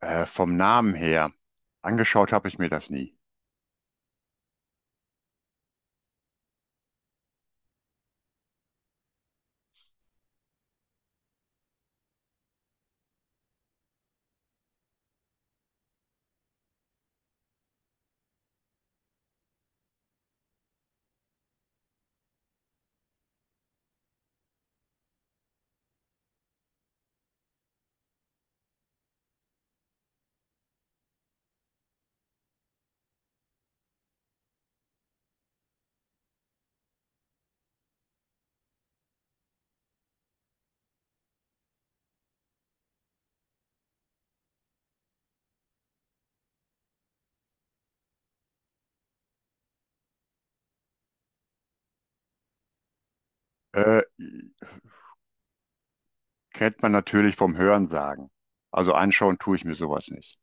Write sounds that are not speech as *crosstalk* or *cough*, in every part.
Vom Namen her, angeschaut habe ich mir das nie. Äh, Kennt man natürlich vom Hörensagen. Also anschauen tue ich mir sowas nicht.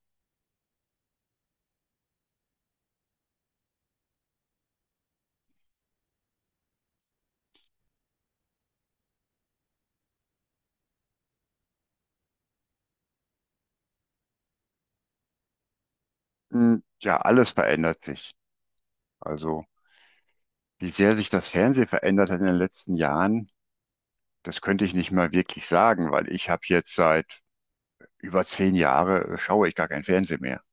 Ja, alles verändert sich. Also, wie sehr sich das Fernsehen verändert hat in den letzten Jahren, das könnte ich nicht mal wirklich sagen, weil ich habe jetzt seit über 10 Jahren schaue ich gar kein Fernsehen mehr.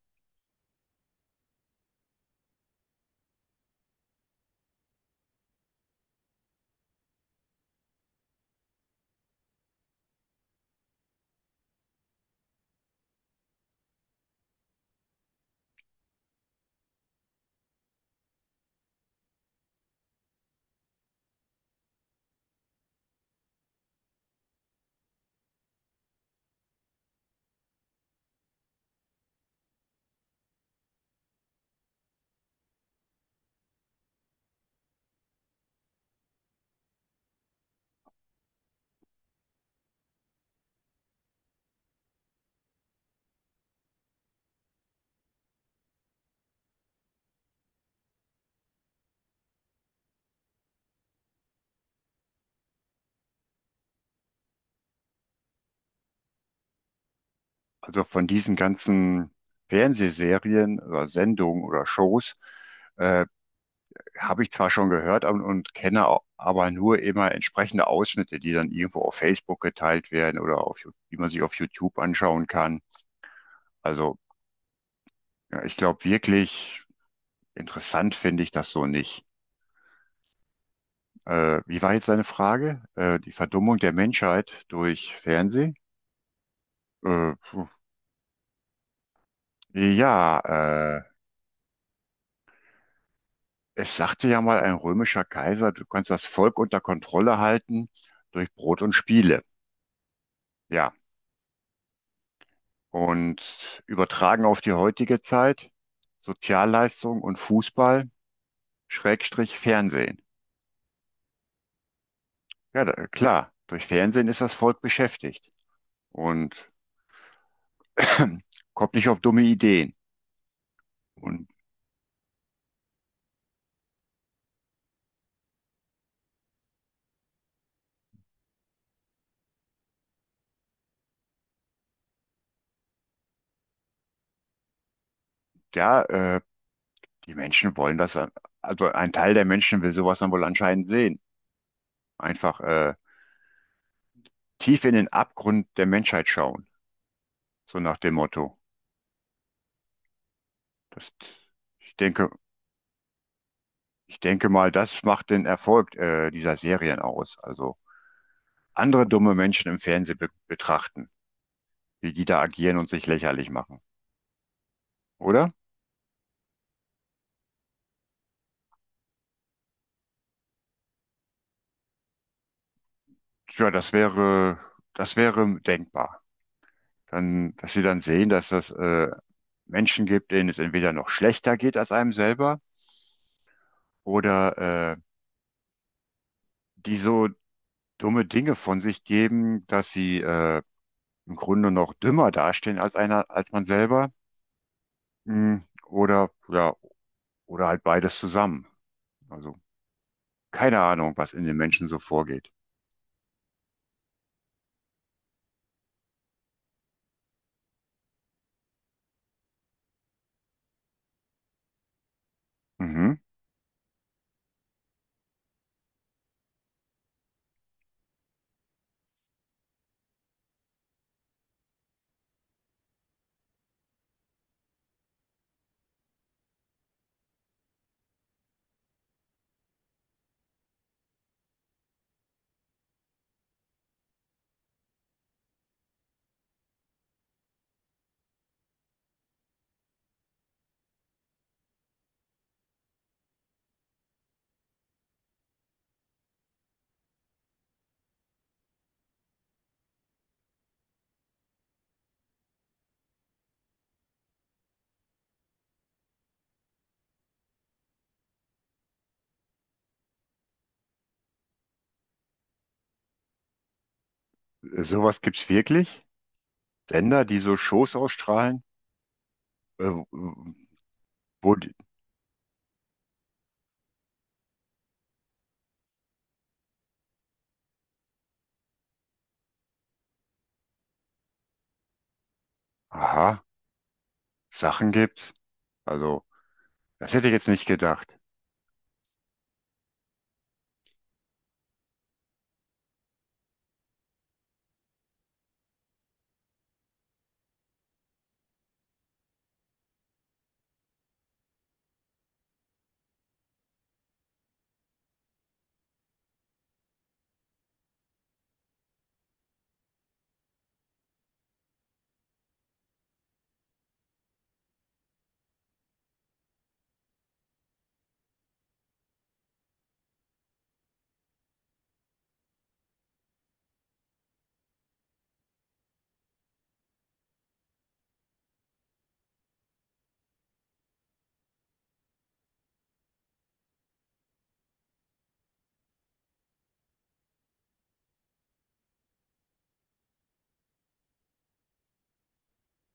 Also von diesen ganzen Fernsehserien oder Sendungen oder Shows, äh, habe ich zwar schon gehört und kenne aber nur immer entsprechende Ausschnitte, die dann irgendwo auf Facebook geteilt werden oder auf, die man sich auf YouTube anschauen kann. Also ja, ich glaube, wirklich interessant finde ich das so nicht. Wie war jetzt deine Frage? Die Verdummung der Menschheit durch Fernsehen? Puh. Ja, äh, es sagte ja mal ein römischer Kaiser, du kannst das Volk unter Kontrolle halten durch Brot und Spiele. Ja. Und übertragen auf die heutige Zeit, Sozialleistung und Fußball, Schrägstrich Fernsehen. Ja, da, klar, durch Fernsehen ist das Volk beschäftigt und *clears throat* kommt nicht auf dumme Ideen. Und ja, die Menschen wollen das, also ein Teil der Menschen will sowas dann wohl anscheinend sehen. Einfach tief in den Abgrund der Menschheit schauen, so nach dem Motto. Das, ich denke, ich denke mal, das macht den Erfolg dieser Serien aus. Also andere dumme Menschen im Fernsehen be betrachten, wie die da agieren und sich lächerlich machen, oder? Ja, das wäre denkbar. Dann, dass sie dann sehen, dass es Menschen gibt, denen es entweder noch schlechter geht als einem selber oder die so dumme Dinge von sich geben, dass sie im Grunde noch dümmer dastehen als einer, als man selber. Mm. Oder ja, oder halt beides zusammen. Also keine Ahnung, was in den Menschen so vorgeht. Mhm. Sowas gibt's wirklich? Sender, die so Shows ausstrahlen, äh, wo die, aha, Sachen gibt. Also, das hätte ich jetzt nicht gedacht.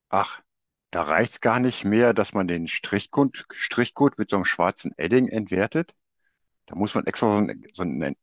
Ach, da reicht's gar nicht mehr, dass man den Strichcode mit so einem schwarzen Edding entwertet. Da muss man extra so ein,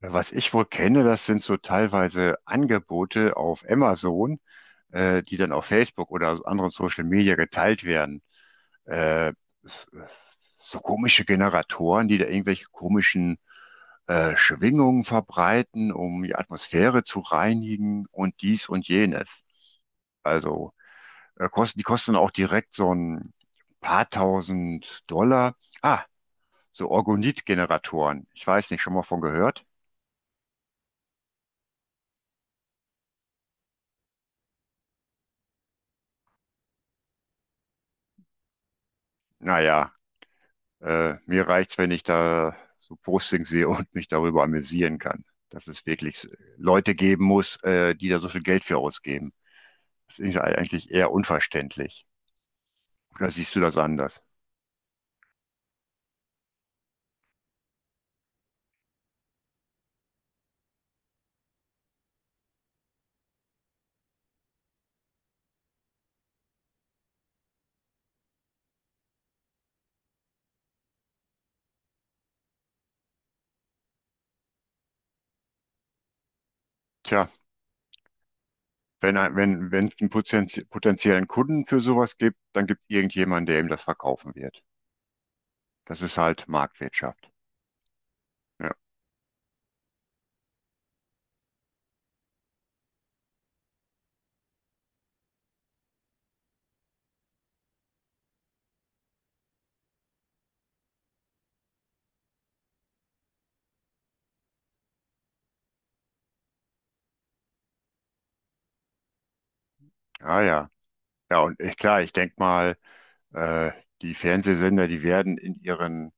was ich wohl kenne, das sind so teilweise Angebote auf Amazon, die dann auf Facebook oder anderen Social Media geteilt werden. Äh, so komische Generatoren, die da irgendwelche komischen Schwingungen verbreiten, um die Atmosphäre zu reinigen und dies und jenes. Also die kosten auch direkt so ein paar tausend Dollar. Ah, so Orgonit-Generatoren. Ich weiß nicht, schon mal von gehört? Naja, mir reicht's, wenn ich da so Postings sehe und mich darüber amüsieren kann, dass es wirklich Leute geben muss, die da so viel Geld für ausgeben. Das ist eigentlich eher unverständlich. Oder siehst du das anders? Tja. Wenn, wenn es einen potenziellen Kunden für sowas gibt, dann gibt es irgendjemanden, der ihm das verkaufen wird. Das ist halt Marktwirtschaft. Ja. Ah ja, ja und ich, klar, ich denke mal, äh, die werden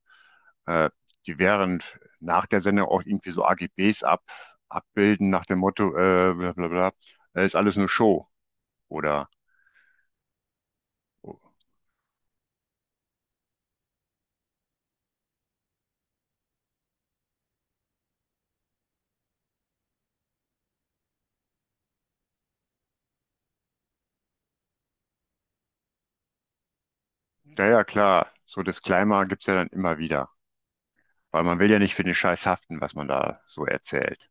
äh, die werden nach der Sendung auch irgendwie so AGBs abbilden nach dem Motto, bla bla bla, ist alles nur Show oder. Ja, ja, klar. So Disclaimer gibt's ja dann immer wieder. Weil man will ja nicht für den Scheiß haften, was man da so erzählt.